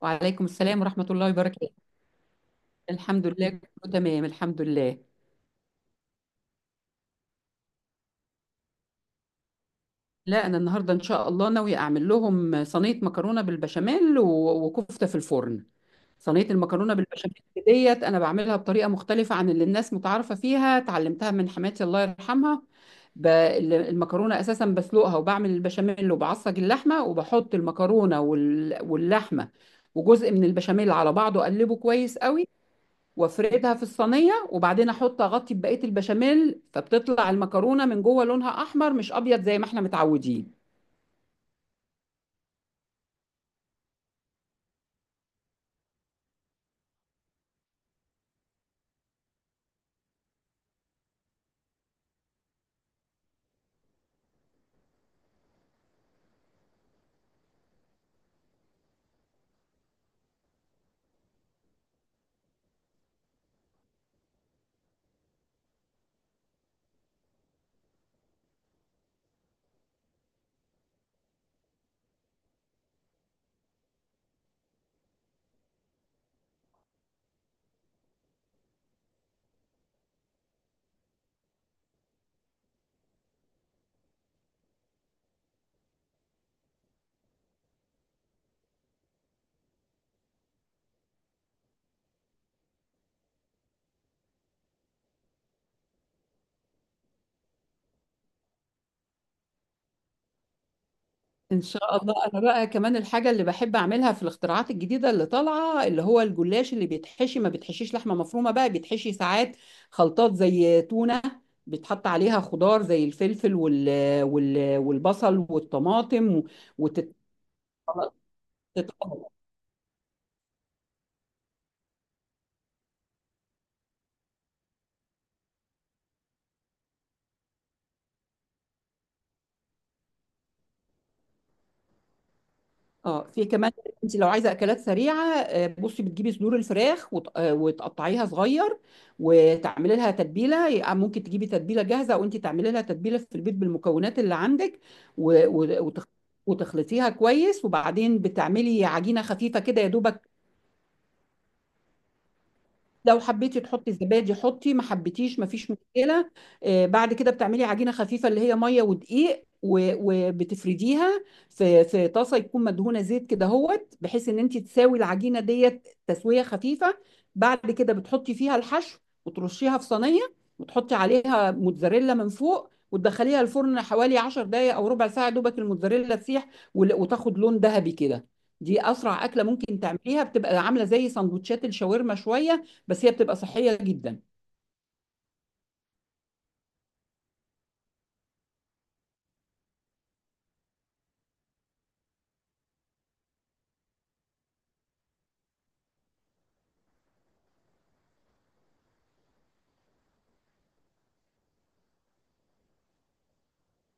وعليكم السلام ورحمة الله وبركاته. الحمد لله كله تمام الحمد لله. لا، أنا النهاردة إن شاء الله ناوية أعمل لهم صينية مكرونة بالبشاميل وكفتة في الفرن. صينية المكرونة بالبشاميل ديت أنا بعملها بطريقة مختلفة عن اللي الناس متعارفة فيها، اتعلمتها من حماتي الله يرحمها. المكرونة أساسا بسلقها وبعمل البشاميل وبعصج اللحمة وبحط المكرونة واللحمة وجزء من البشاميل على بعضه، أقلبه كويس قوي وافردها في الصينيه، وبعدين احط اغطي ببقيه البشاميل، فبتطلع المكرونه من جوه لونها احمر مش ابيض زي ما احنا متعودين. ان شاء الله. انا بقى كمان الحاجه اللي بحب اعملها في الاختراعات الجديده اللي طالعه اللي هو الجلاش اللي بيتحشي، ما بيتحشيش لحمه مفرومه بقى، بيتحشي ساعات خلطات زي تونه، بيتحط عليها خضار زي الفلفل والبصل والطماطم وتتخلط. اه، في كمان. انت لو عايزه اكلات سريعه، بصي بتجيبي صدور الفراخ وتقطعيها صغير، وتعملي لها تتبيله، ممكن تجيبي تتبيله جاهزه وانت تعملي لها تتبيله في البيت بالمكونات اللي عندك، و- و- وتخ- وتخلطيها كويس، وبعدين بتعملي عجينه خفيفه كده يا دوبك. لو حبيتي تحطي زبادي حطي، ما حبيتيش ما فيش مشكله. بعد كده بتعملي عجينه خفيفه اللي هي ميه ودقيق، وبتفرديها في طاسه يكون مدهونه زيت كده هوت، بحيث ان انت تساوي العجينه ديت تسويه خفيفه. بعد كده بتحطي فيها الحشو وترشيها في صينيه، وتحطي عليها موتزاريلا من فوق، وتدخليها الفرن حوالي 10 دقايق او ربع ساعه دوبك الموتزاريلا تسيح وتاخد لون ذهبي كده. دي اسرع اكله ممكن تعمليها، بتبقى عامله زي سندوتشات الشاورما شويه، بس هي بتبقى صحيه جدا.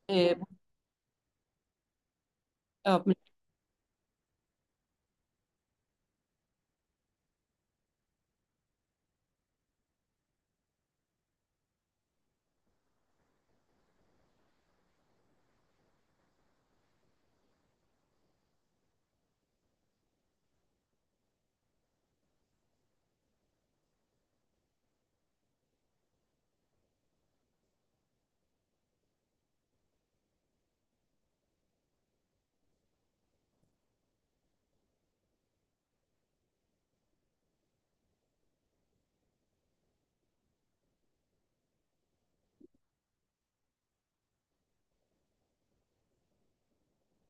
إيه، آه، من-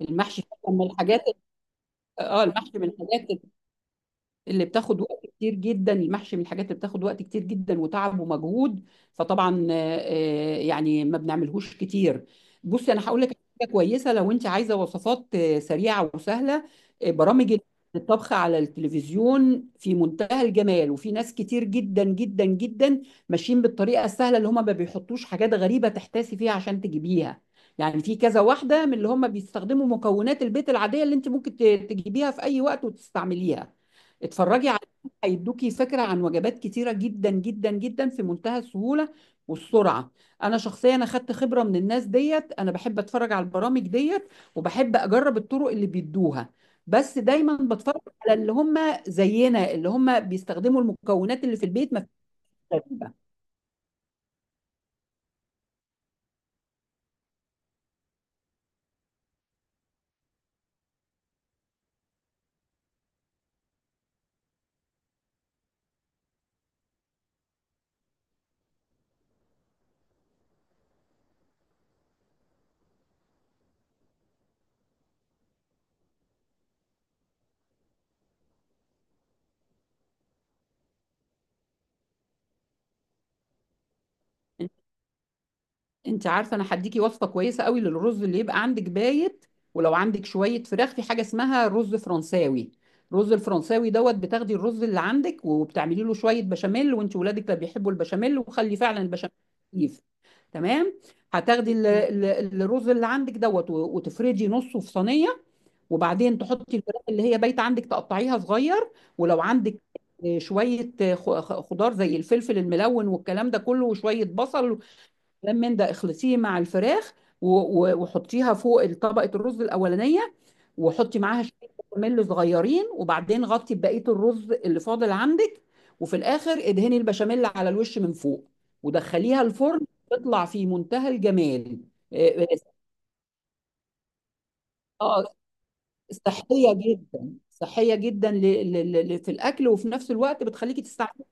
المحشي حاجة من الحاجات. اه، المحشي من الحاجات اللي بتاخد وقت كتير جدا، المحشي من الحاجات اللي بتاخد وقت كتير جدا وتعب ومجهود. فطبعا يعني ما بنعملهوش كتير. بصي انا هقول لك حاجه كويسه، لو انت عايزه وصفات سريعه وسهله، برامج الطبخ على التلفزيون في منتهى الجمال، وفي ناس كتير جدا جدا جدا ماشيين بالطريقه السهله، اللي هم ما بيحطوش حاجات غريبه تحتاسي فيها عشان تجيبيها. يعني في كذا واحده من اللي هم بيستخدموا مكونات البيت العاديه اللي انت ممكن تجيبيها في اي وقت وتستعمليها. اتفرجي على هيدوكي، فكرة عن وجبات كتيرة جدا جدا جدا في منتهى السهولة والسرعة. انا شخصيا انا خدت خبرة من الناس ديت، انا بحب اتفرج على البرامج ديت وبحب اجرب الطرق اللي بيدوها. بس دايما بتفرج على اللي هم زينا، اللي هم بيستخدموا المكونات اللي في البيت، ما فيش غريبة. انت عارفه، انا هديكي وصفه كويسه قوي للرز اللي يبقى عندك بايت ولو عندك شويه فراخ، في حاجه اسمها رز فرنساوي. الرز الفرنساوي دوت بتاخدي الرز اللي عندك وبتعملي له شويه بشاميل، وانت ولادك لا بيحبوا البشاميل، وخلي فعلا البشاميل خفيف. تمام. هتاخدي الرز اللي عندك دوت وتفردي نصه في صينيه، وبعدين تحطي الفراخ اللي هي بايته عندك تقطعيها صغير، ولو عندك شويه خضار زي الفلفل الملون والكلام ده كله وشويه بصل، كلام من ده اخلطيه مع الفراخ و- وحطيها فوق طبقة الرز الأولانية، وحطي معاها شوية بشاميل صغيرين، وبعدين غطي بقية الرز اللي فاضل عندك، وفي الآخر ادهني البشاميل على الوش من فوق ودخليها الفرن. تطلع في منتهى الجمال. اه، آه، صحية جدا، صحية جدا، في الأكل، وفي نفس الوقت بتخليكي تستعملي.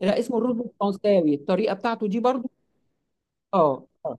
لا، اسمه الرز الفرنساوي، الطريقة بتاعته دي برضو. اه. آه.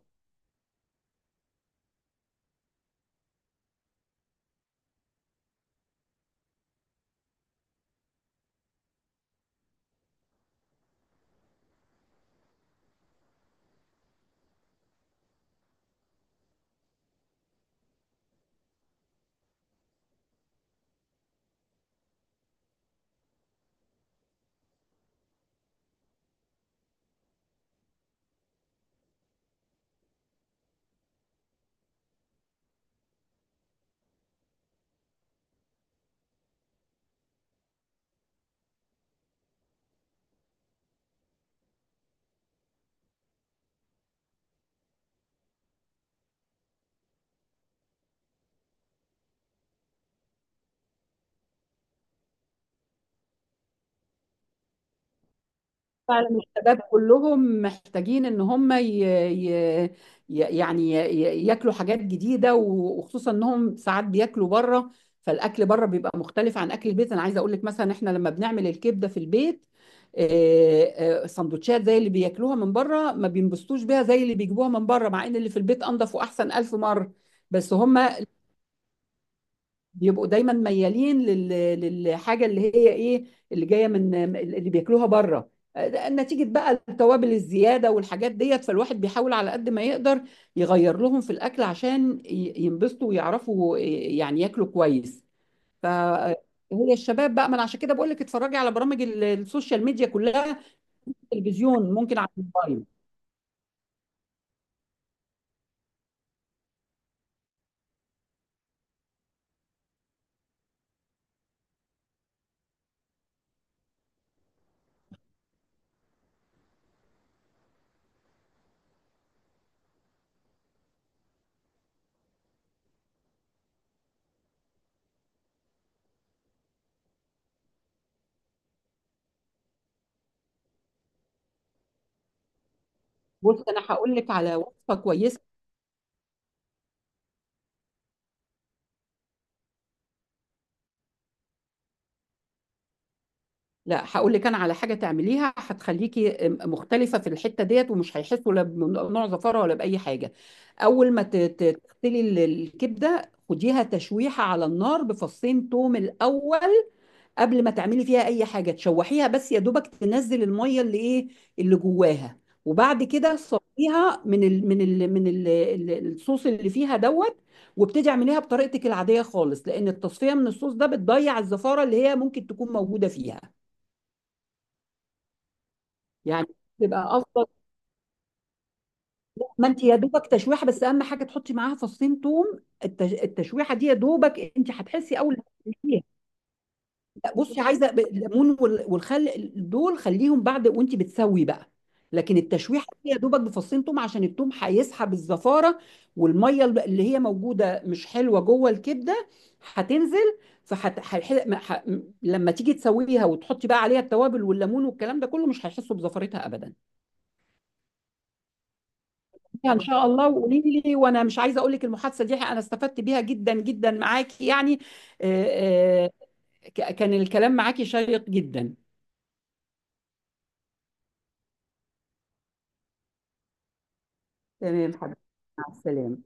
فعلا، الشباب كلهم محتاجين ان هم ياكلوا حاجات جديده، وخصوصا انهم ساعات بياكلوا بره، فالاكل بره بيبقى مختلف عن اكل البيت. انا عايزه اقول لك مثلا احنا لما بنعمل الكبده في البيت سندوتشات زي اللي بياكلوها من بره، ما بينبسطوش بيها زي اللي بيجيبوها من بره، مع ان اللي في البيت انضف واحسن الف مره. بس هم بيبقوا دايما ميالين للحاجه اللي هي ايه، اللي جايه من اللي بياكلوها بره، نتيجه بقى التوابل الزياده والحاجات ديت. فالواحد بيحاول على قد ما يقدر يغير لهم في الاكل عشان ينبسطوا ويعرفوا يعني ياكلوا كويس. ف هي الشباب بقى. ما انا عشان كده بقول لك اتفرجي على برامج السوشيال ميديا كلها، تلفزيون ممكن على الموبايل. بص انا هقول لك على وصفه كويسه. لأ، هاقول لِك أنا على حاجة تعمليها هتخلّيكِ مختلفة في الحتّة ديّة، ومش هيحسّوا لا بنوع زفارة ولا بأي حاجة. أول ما ت ت تغسلي الكبدة خديها تشويحة على النار بفصّين توم الأول، قبل ما تعملي فيها أي حاجة، تشوّحيها بس يا دوبك تنزّل المَيّة اللي إيه، اللي جواها، وبعد كده صفّيها من ال من ال من ال ال الصوص اللي فيها دوّة، وابتدي اعمليها بطريقتِك العادية خالص، لإن التصفية من الصوص ده بتضيّع الزفارة اللي هي ممكن تكون موجودة فيها. يعني تبقى افضل. ما انت يا دوبك تشويحه بس، اهم حاجه تحطي معاها فصين توم. التشويحه دي يا دوبك انت هتحسي اول ما تاكليها. لا، بصي عايزه الليمون والخل دول خليهم بعد وانت بتسوي بقى، لكن التشويحه دي يا دوبك بفصين توم، عشان التوم هيسحب الزفاره والميه اللي هي موجوده مش حلوه جوه الكبده هتنزل. فحت... هيح... ما- ح... لما تيجي تسويها وتحطي بقى عليها التوابل والليمون والكلام ده كله، مش هيحسوا بزفرتها ابدا. يعني ان شاء الله وقولي لي، وانا مش عايزه اقول لك المحادثه دي انا استفدت بيها جدا جدا معاكي يعني. آه، آه، كان الكلام معاكي شيق جدا. تمام حبيبتي، مع السلامه.